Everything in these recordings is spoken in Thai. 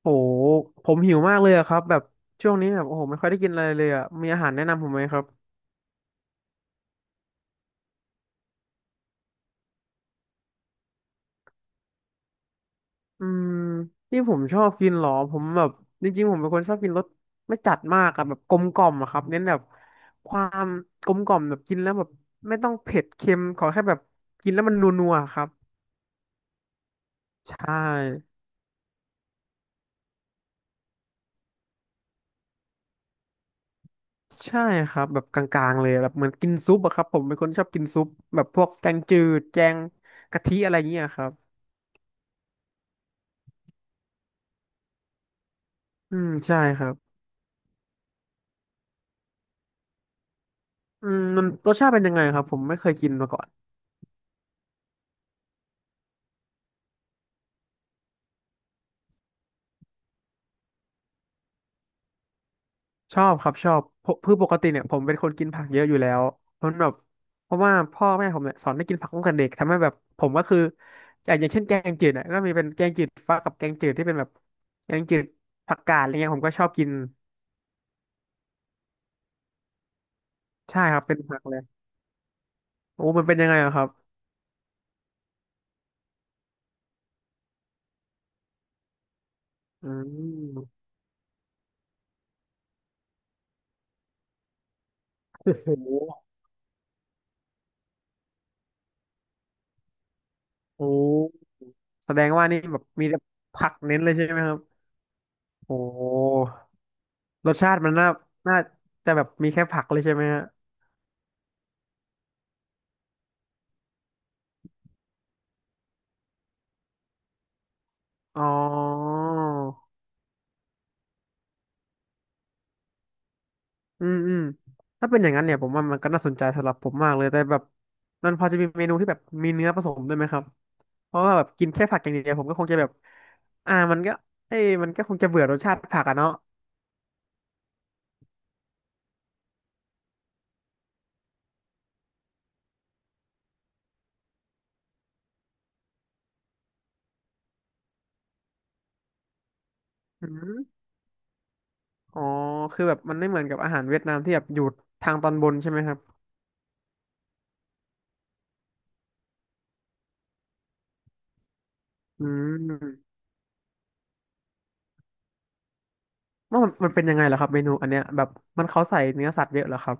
โหผมหิวมากเลยอะครับแบบช่วงนี้แบบโอ้โหไม่ค่อยได้กินอะไรเลยอะมีอาหารแนะนำผมไหมครับอืมที่ผมชอบกินเหรอผมแบบจริงๆผมเป็นคนชอบกินรสไม่จัดมากอะแบบกลมกล่อมอะครับเน้นแบบความกลมกล่อมแบบกินแล้วแบบไม่ต้องเผ็ดเค็มขอแค่แบบกินแล้วมันนัวๆครับใช่ใช่ครับแบบกลางๆเลยแบบเหมือนกินซุปอะครับผมเป็นคนชอบกินซุปแบบพวกแกงจืดแกงกะทิอะไรเงี้ยครับอืมใช่ครับ อืมมันรสชาติเป็นยังไงครับผมไม่เคยกินมาก่อนชอบครับชอบเพราะคือปกติเนี่ยผมเป็นคนกินผักเยอะอยู่แล้วเพราะแบบเพราะว่าพ่อแม่ผมเนี่ยสอนให้กินผักตั้งแต่เด็กทำให้แบบผมก็คืออย่างเช่นแกงจืดเนี่ยก็มีเป็นแกงจืดฟักกับแกงจืดที่เป็นแบบแกงจืดผักกาดอะไรเงี้ยผมก็ชอบกินใช่ครับเป็นผักเลยโอ้มันเป็นยังไงอะครับอืมโอ้โหโอ้แสดงว่านี่แบบมีแต่ผักเน้นเลยใช่ไหมครับโอ้รสชาติมันน่าน่าจะแบบมีแค่ผักเลยใช่ไหมฮะ อ๋ออืมอืมถ้าเป็นอย่างนั้นเนี่ยผมว่ามันก็น่าสนใจสำหรับผมมากเลยแต่แบบมันพอจะมีเมนูที่แบบมีเนื้อผสมด้วยไหมครับเพราะว่าแบบกินแค่ผักอย่างเดียวผมก็คงจะแบบมันก็เอ้ยมันก็คงจะเบื่อรสชาติผักอะเนาะอืมอ๋อคือแบบมันไม่เหมือนกับอาหารเวียดนามที่แบบอยู่ทางตอนบนใช่ไหมครับ อืมว่ามันเป็นยังไงเหรอครับเมนูอันเนี้ยแบบมันเขาใส่เนื้อสัตว์เยอะเหรอครับ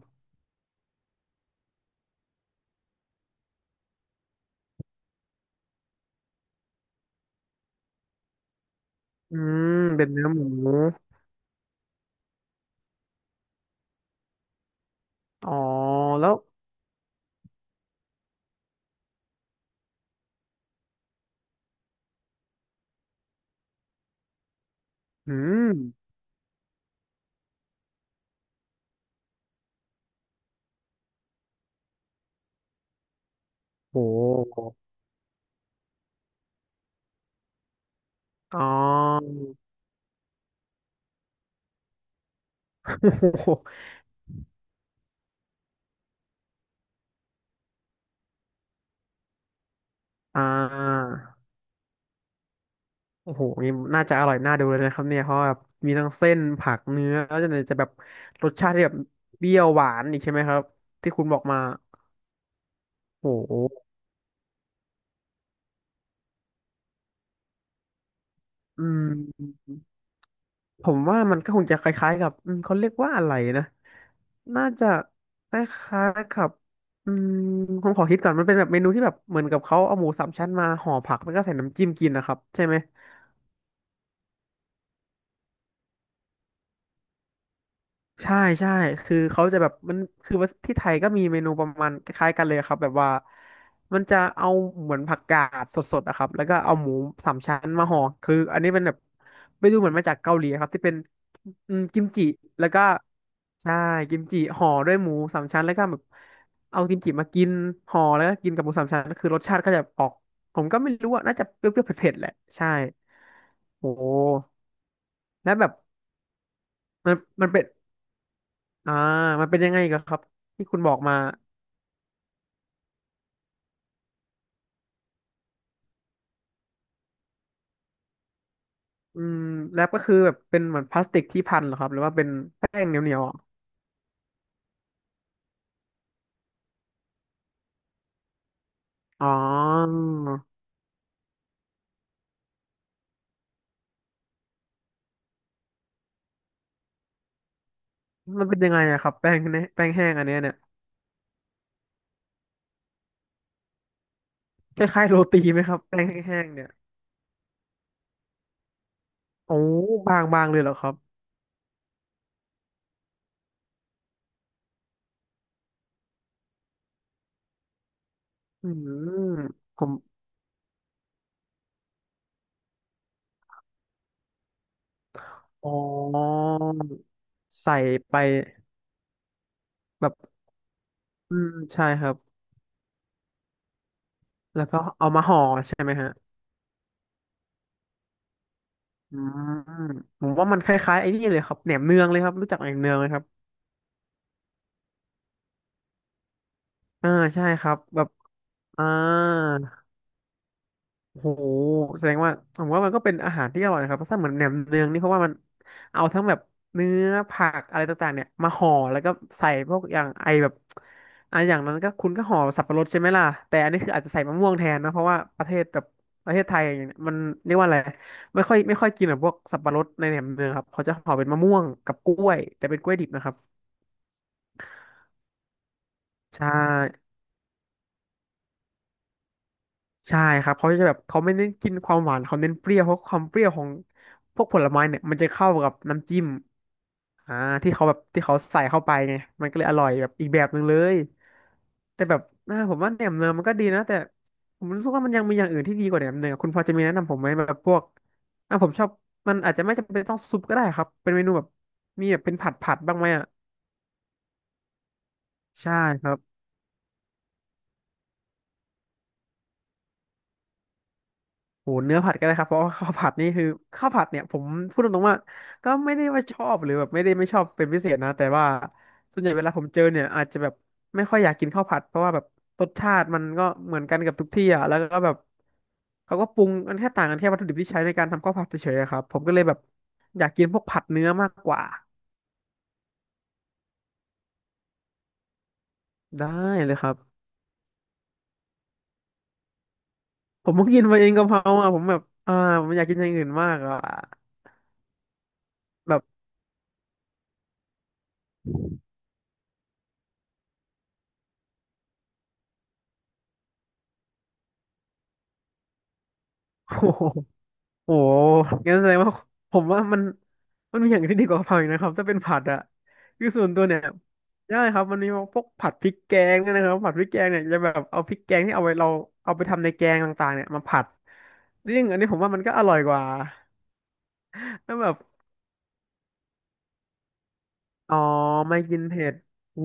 อืม เป็นเนื้อหมูอ๋อแล้วอืมโห อ๋อโอ้โหอ่าโอ้โหนี่น่าจะอร่อยน่าดูเลยนะครับเนี่ยเพราะแบบมีทั้งเส้นผักเนื้อแล้วจะแบบรสชาติที่แบบเปรี้ยวหวานอีกใช่ไหมครับที่คุณบอกมา โอ้โหอืมผมว่ามันก็คงจะคล้ายๆกับอืมเขาเรียกว่าอะไรนะ น่าจะคล้ายๆกับ อืมผมขอคิดก่อนมันเป็นแบบเมนูที่แบบเหมือนกับเขาเอาหมูสามชั้นมาห่อผักแล้วก็ใส่น้ำจิ้มกินนะครับใช่ไหม ใช่ใช่คือเขาจะแบบมันคือว่าที่ไทยก็มีเมนูประมาณคล้ายๆกันเลยครับแบบว่ามันจะเอาเหมือนผักกาดสดๆนะครับแล้วก็เอาหมูสามชั้นมาห่อคืออันนี้เป็นแบบไม่ดูเหมือนมาจากเกาหลีครับที่เป็นอืมกิมจิแล้วก็ใช่กิมจิห่อด้วยหมูสามชั้นแล้วก็แบบเอากิมจิมากินห่อแล้วก็กินกับหมูสามชั้นคือรสชาติก็จะออกผมก็ไม่รู้ว่าน่าจะเปรี้ยวๆเผ็ดๆแหละใช่โอ้แล้วแบบมันมันเป็น อ่ามันเป็นยังไงกันครับที่คุณบอกมาอืมแรปก็คือแบบเป็นเหมือนพลาสติกที่พันเหรอครับหรือว่าเป็นแป้งเหนียวๆอะอ๋อมันเป็นยังไงอะครับแป้งเนี่ยแป้งแห้งอันเนี้ยเนี่ยคล้ายๆโรตีไหมครับแป้งแห้งๆเนี่ยโอ้บางๆเลยเหรอครับอืมผมอ๋อใส่ไปแบบอืมใช่ครับแล้วก็เอามาห่อใช่ไหมฮะอืมผมว่ามันคล้ายๆไอ้นี่เลยครับแหนมเนืองเลยครับรู้จักแหนมเนืองไหมครับอ่าใช่ครับแบบ อ่าโหแสดงว่าผมว่ามันก็เป็นอาหารที่อร่อยนะครับเพราะถ้าเหมือนแหนมเนืองนี่เพราะว่ามันเอาทั้งแบบเนื้อผักอะไรต่างๆเนี่ยมาห่อแล้วก็ใส่พวกอย่างไอแบบอ่ะอย่างนั้นก็คุณก็ห่อสับปะรดใช่ไหมล่ะแต่อันนี้คืออาจจะใส่มะม่วงแทนนะเพราะว่าประเทศแบบประเทศไทยอย่างเงี้ยมันเรียกว่าอะไรไม่ค่อยกินแบบพวกสับปะรดในแหนมเนืองครับเขาจะห่อเป็นมะม่วงกับกล้วยแต่เป็นกล้วยดิบนะครับใช่ ใช่ครับเขาจะแบบเขาไม่เน้นกินความหวานเขาเน้นเปรี้ยวเพราะความเปรี้ยวของพวกผลไม้เนี่ยมันจะเข้ากับน้ำจิ้มอ่าที่เขาแบบที่เขาใส่เข้าไปไงมันก็เลยอร่อยแบบอีกแบบหนึ่งเลยแต่แบบผมว่าแหนมเนืองมันก็ดีนะแต่ผมรู้สึกว่ามันยังมีอย่างอื่นที่ดีกว่าแหนมเนืองคุณพอจะมีแนะนำผมไหมแบบพวกผมชอบมันอาจจะไม่จำเป็นต้องซุปก็ได้ครับเป็นเมนูแบบมีแบบเป็นผัดบ้างไหมอ่ะใช่ครับ โหเนื้อผัดก็ได้ครับเพราะว่า ข้าวผัดนี่คือข้าวผัดเนี่ยผมพูดตรงๆว่าก็ไม่ได้ว่าชอบหรือแบบไม่ได้ไม่ชอบเป็นพิเศษนะแต่ว่าส่วนใหญ่เวลาผมเจอเนี่ยอาจจะแบบไม่ค่อยอยากกินข้าวผัดเพราะว่าแบบรสชาติมันก็เหมือนกันกับทุกที่อ่ะแล้วก็แบบเขาก็ปรุงกันแค่ต่างกันแค่วัตถุดิบที่ใช้ในการทำข้าวผัดเฉยๆอะครับผมก็เลยแบบอยากกินพวกผัดเนื้อมากกว่าได้เลยครับผมเพิ่งกินมาเองกะเพราอ่ะผมแบบผมอยากกินอย่างอื่นมากอ่ะแบบ โอ้โห โอ้งั้นแสดงว่าผมว่ามันมีอย่างอื่นที่ดีกว่ากะเพราอีกนะครับถ้าเป็นผัดอะคือส่วนตัวเนี่ยได้ครับมันมีพวกผัดพริกแกงเนี่ยนะครับผัดพริกแกงเนี่ยจะแบบเอาพริกแกงที่เอาไว้เราเอาไปทำในแกงต่างๆเนี่ยมาผัดซึ่งอันนี้ผมว่ามันก็อร่อยกว่าแล้วแบบอ๋อไม่กินเผ็ดอู้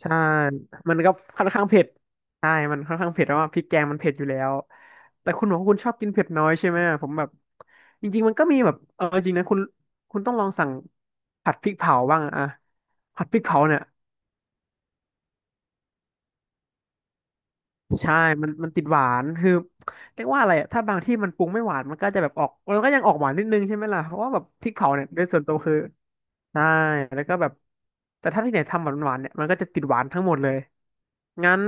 ใช่มันก็ค่อนข้างเผ็ดใช่มันค่อนข้างเผ็ดเพราะว่าพริกแกงมันเผ็ดอยู่แล้วแต่คุณบอกว่าคุณชอบกินเผ็ดน้อยใช่ไหมผมแบบจริงๆมันก็มีแบบเออจริงนะคุณต้องลองสั่งผัดพริกเผาบ้างอะผัดพริกเผาเนี่ยใช่มันติดหวานคือเรียกว่าอะไรอะถ้าบางที่มันปรุงไม่หวานมันก็จะแบบออกมันก็ยังออกหวานนิดนึงใช่ไหมล่ะเพราะว่าแบบพริกเผาเนี่ยโดยส่วนตัวคือใช่แล้วก็แบบแต่ถ้าที่ไหนทำแบบหวานๆเนี่ยมันก็จะติดหวานทั้งหมดเลย งั้น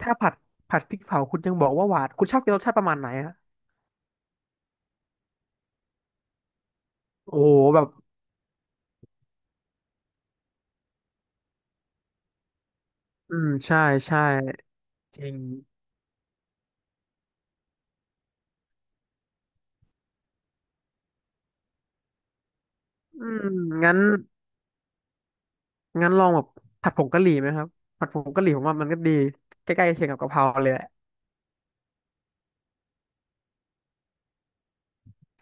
ถ้าผัดพริกเผาคุณยังบอกว่าหวานคุณชอบกินรสชาติประมาณไหนฮะโอ้โหแบบอืมใช่ใช่จริงอืมงั้นงั้นลองแบบผัดผงกะหรี่ไหมครับผัดผงกะหรี่ผมว่ามันก็ดีใกล้ๆเคียงกับกะเพราเลยแหละ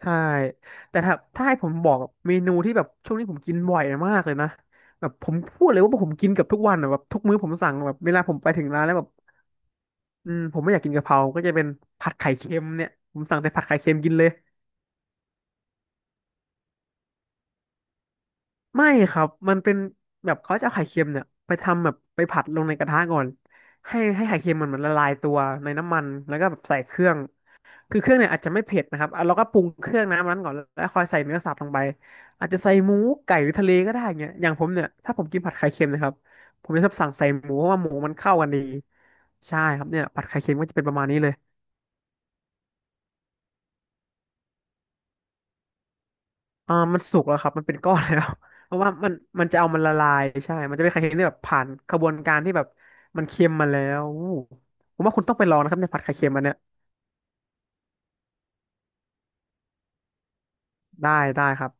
ใช่แต่ถ้าให้ผมบอกเมนูที่แบบช่วงนี้ผมกินบ่อยมากเลยนะแบบผมพูดเลยว่าผมกินเกับทุกวันอะแบบทุกมื้อผมสั่งแบบเวลาผมไปถึงร้านแล้วแบบอืมผมไม่อยากกินกะเพราก็จะเป็นผัดไข่เค็มเนี่ยผมสั่งแต่ผัดไข่เค็มกินเลย ไม่ครับมันเป็นแบบเขาจะเอาไข่เค็มเนี่ยไปทำแบบไปผัดลงในกระทะก่อนให้ไข่เค็มมันละลายตัวในน้ำมันแล้วก็แบบใส่เครื่องคือเครื่องเนี่ยอาจจะไม่เผ็ดนะครับอ่ะเราก็ปรุงเครื่องน้ำนั้นก่อนแล้วคอยใส่เนื้อสัตว์ลงไปอาจจะใส่หมูไก่หรือทะเลก็ได้เงี้ยอย่างผมเนี่ยถ้าผมกินผัดไข่เค็มนะครับผมจะชอบสั่งใส่หมูเพราะว่าหมูมันเข้ากันดีใช่ครับเนี่ยผัดไข่เค็มก็จะเป็นประมาณนี้เลย มันสุกแล้วครับมันเป็นก้อนแล้ว เพราะว่ามันมันจะเอามันละลายใช่ มันจะเป็นไข่เค็มที่แบบผ่านกระบวนการที่แบบมันเค็มมาแล้วอู้ผมว่าคุณต้องไปลองนะครับในผัดไข่เค็มอันเนี้ยได้ได้ครับ